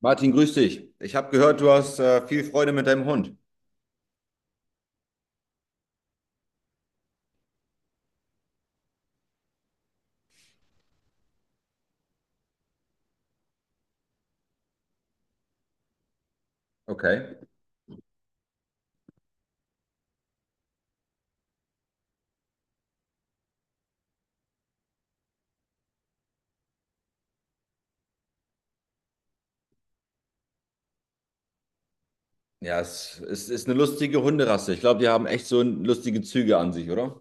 Martin, grüß dich. Ich habe gehört, du hast viel Freude mit deinem Hund. Okay. Ja, es ist eine lustige Hunderasse. Ich glaube, die haben echt so lustige Züge an sich, oder?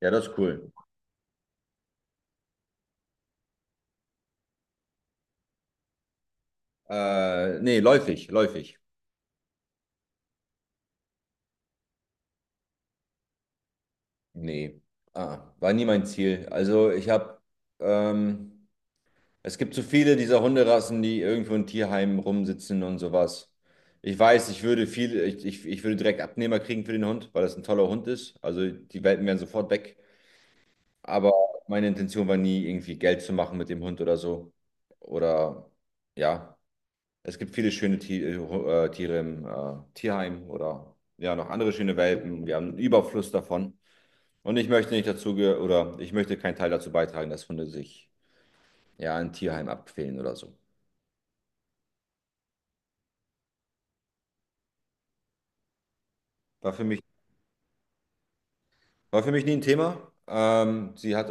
Ja, das ist cool. Nee, läufig, läufig. Nee. Ah, war nie mein Ziel. Also ähm, es gibt so viele dieser Hunderassen, die irgendwo in Tierheimen rumsitzen und sowas. Ich weiß, ich würde viel, ich würde direkt Abnehmer kriegen für den Hund, weil das ein toller Hund ist. Also die Welpen wären sofort weg. Aber meine Intention war nie, irgendwie Geld zu machen mit dem Hund oder so. Oder ja, es gibt viele schöne Tiere im Tierheim oder ja, noch andere schöne Welpen. Wir haben einen Überfluss davon. Und ich möchte nicht oder ich möchte keinen Teil dazu beitragen, dass Hunde sich ja in Tierheim abquälen oder so. War für mich War für mich nie ein Thema.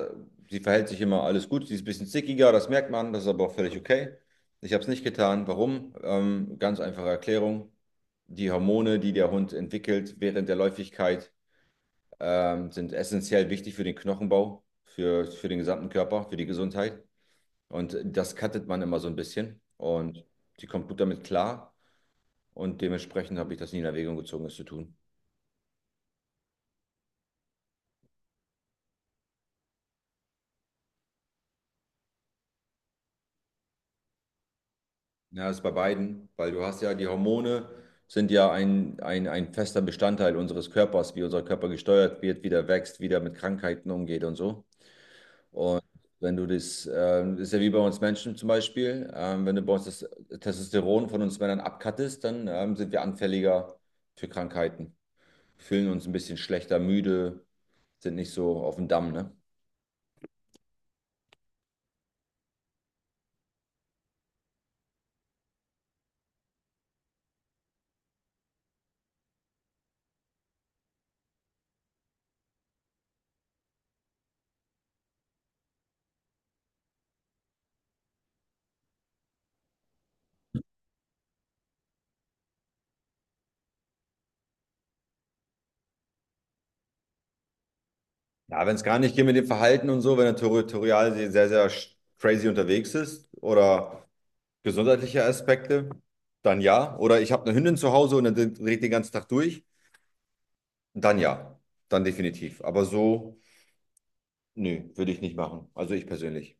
Sie verhält sich immer alles gut. Sie ist ein bisschen stickiger, das merkt man, das ist aber auch völlig okay. Ich habe es nicht getan. Warum? Ganz einfache Erklärung. Die Hormone, die der Hund entwickelt während der Läufigkeit, sind essentiell wichtig für den Knochenbau, für den gesamten Körper, für die Gesundheit. Und das cuttet man immer so ein bisschen. Und sie kommt gut damit klar. Und dementsprechend habe ich das nie in Erwägung gezogen, es zu tun. Ja, das ist bei beiden, weil du hast ja die Hormone sind ja ein fester Bestandteil unseres Körpers, wie unser Körper gesteuert wird, wie der wächst, wie der mit Krankheiten umgeht und so. Und wenn du das, ist ja wie bei uns Menschen zum Beispiel. Ähm, wenn du bei uns das Testosteron von uns Männern abkattest, dann sind wir anfälliger für Krankheiten, fühlen uns ein bisschen schlechter, müde, sind nicht so auf dem Damm, ne? Ja, wenn es gar nicht geht mit dem Verhalten und so, wenn er territorial sehr, crazy unterwegs ist oder gesundheitliche Aspekte, dann ja. Oder ich habe eine Hündin zu Hause und dann dreht den ganzen Tag durch, dann ja. Dann definitiv. Aber so, nö, würde ich nicht machen. Also ich persönlich.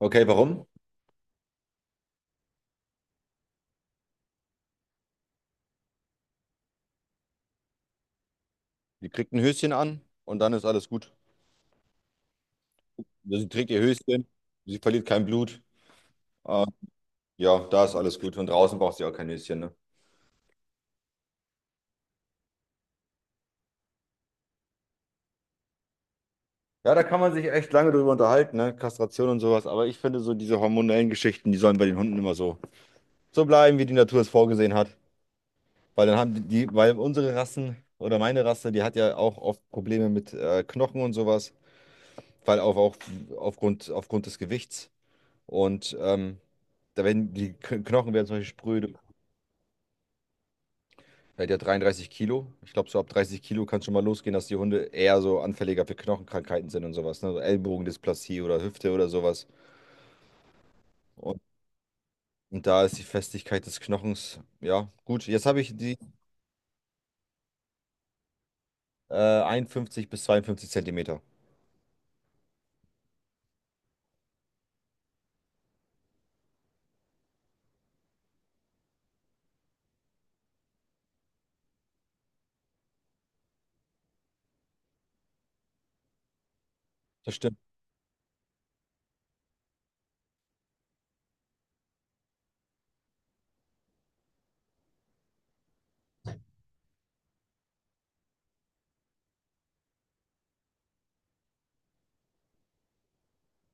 Okay, warum? Die kriegt ein Höschen an und dann ist alles gut. Sie trägt ihr Höschen, sie verliert kein Blut. Äh, ja, da ist alles gut. Und draußen braucht sie auch kein Höschen, ne? Ja, da kann man sich echt lange drüber unterhalten, ne? Kastration und sowas. Aber ich finde so diese hormonellen Geschichten, die sollen bei den Hunden immer so, so bleiben, wie die Natur es vorgesehen hat. Weil dann haben die, weil unsere Rassen oder meine Rasse, die hat ja auch oft Probleme mit Knochen und sowas, weil auch aufgrund des Gewichts. Und da werden die Knochen werden zum Beispiel spröde. Er hat ja 33 Kilo. Ich glaube, so ab 30 Kilo kann schon mal losgehen, dass die Hunde eher so anfälliger für Knochenkrankheiten sind und sowas. Ne? So Ellbogendysplasie oder Hüfte oder sowas. Und, und da ist die Festigkeit des Knochens, ja, gut. Jetzt habe ich die äh, 51 bis 52 Zentimeter. Das stimmt.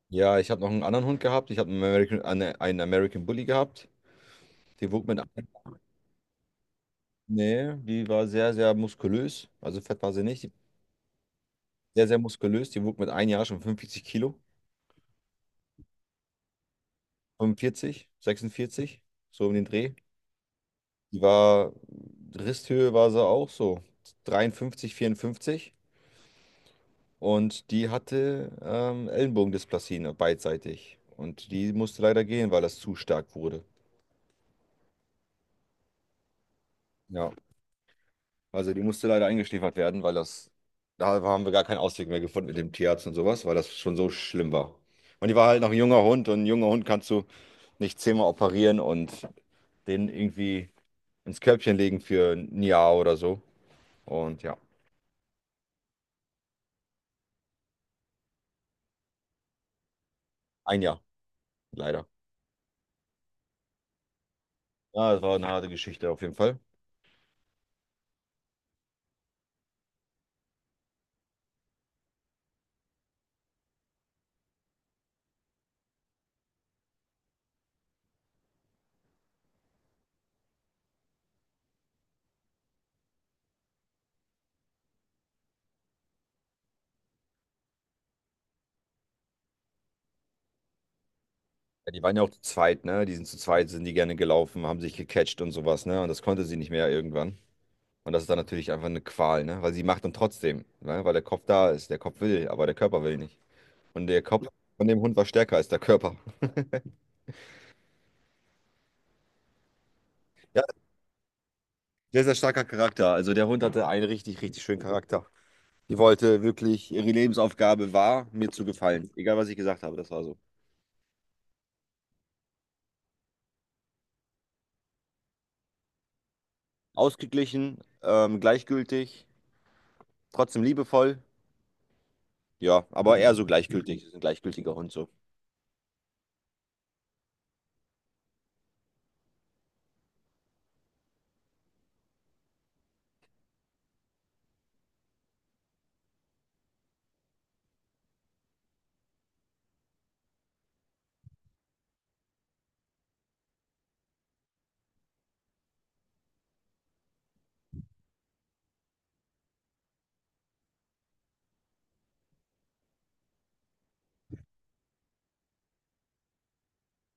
Ja, ich habe noch einen anderen Hund gehabt. Ich habe einen American Bully gehabt. Die wog mit, ein- Nee, die war sehr, sehr muskulös. Also fett war sie nicht. Die war Sehr, sehr muskulös. Die wog mit ein Jahr schon 45 Kilo. 45, 46, so um den Dreh. Die war, Risthöhe war sie auch so 53, 54. Und die hatte Ellenbogendysplasie, ne, beidseitig. Und die musste leider gehen, weil das zu stark wurde. Ja. Also die musste leider eingeschläfert werden, weil das, da haben wir gar keinen Ausweg mehr gefunden mit dem Tierarzt und sowas, weil das schon so schlimm war. Und die war halt noch ein junger Hund und ein junger Hund kannst du nicht zehnmal operieren und den irgendwie ins Körbchen legen für ein Jahr oder so. Und ja, ein Jahr, leider. Ja, das war eine harte Geschichte auf jeden Fall. Ja, die waren ja auch zu zweit, ne? Die sind zu zweit, sind die gerne gelaufen, haben sich gecatcht und sowas, ne? Und das konnte sie nicht mehr irgendwann. Und das ist dann natürlich einfach eine Qual, ne? Weil sie macht dann trotzdem, ne? Weil der Kopf da ist, der Kopf will, aber der Körper will nicht. Und der Kopf von dem Hund war stärker als der Körper. Ja, sehr, sehr starker Charakter. Also der Hund hatte einen richtig, richtig schönen Charakter. Die wollte wirklich, ihre Lebensaufgabe war, mir zu gefallen. Egal, was ich gesagt habe, das war so. Ausgeglichen, gleichgültig, trotzdem liebevoll. Ja, aber eher so gleichgültig. Ist ein gleichgültiger Hund so.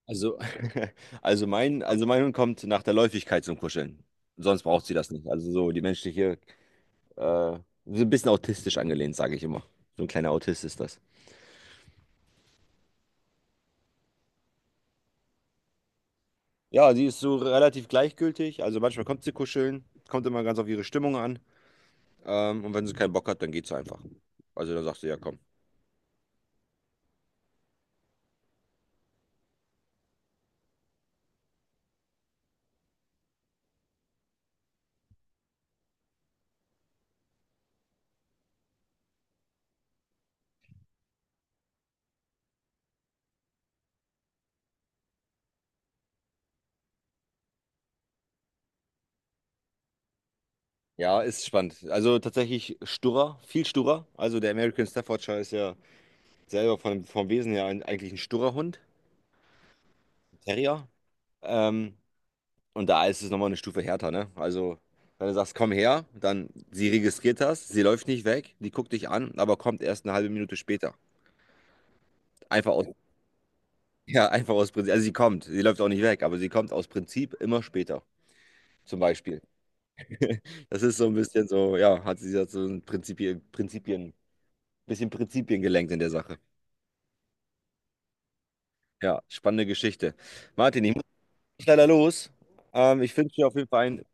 Also, also mein Hund kommt nach der Läufigkeit zum Kuscheln. Sonst braucht sie das nicht. Also so so ein bisschen autistisch angelehnt, sage ich immer. So ein kleiner Autist ist das. Ja, sie ist so relativ gleichgültig. Also manchmal kommt sie kuscheln, kommt immer ganz auf ihre Stimmung an. Und wenn sie keinen Bock hat, dann geht sie einfach. Also dann sagt sie, ja, komm. Ja, ist spannend. Also tatsächlich sturer, viel sturer. Also der American Staffordshire ist ja selber vom Wesen her eigentlich ein sturer Hund, Terrier. Ähm, und da ist es nochmal eine Stufe härter, ne? Also wenn du sagst, komm her, dann sie registriert das, sie läuft nicht weg, die guckt dich an, aber kommt erst eine halbe Minute später. Einfach aus Ja, einfach aus Prinzip. Also sie kommt, sie läuft auch nicht weg, aber sie kommt aus Prinzip immer später, zum Beispiel. Das ist so ein bisschen so, ja, hat sie jetzt so bisschen Prinzipien gelenkt in der Sache. Ja, spannende Geschichte. Martin, ich muss leider los. Ich wünsche dir auf jeden Fall einen.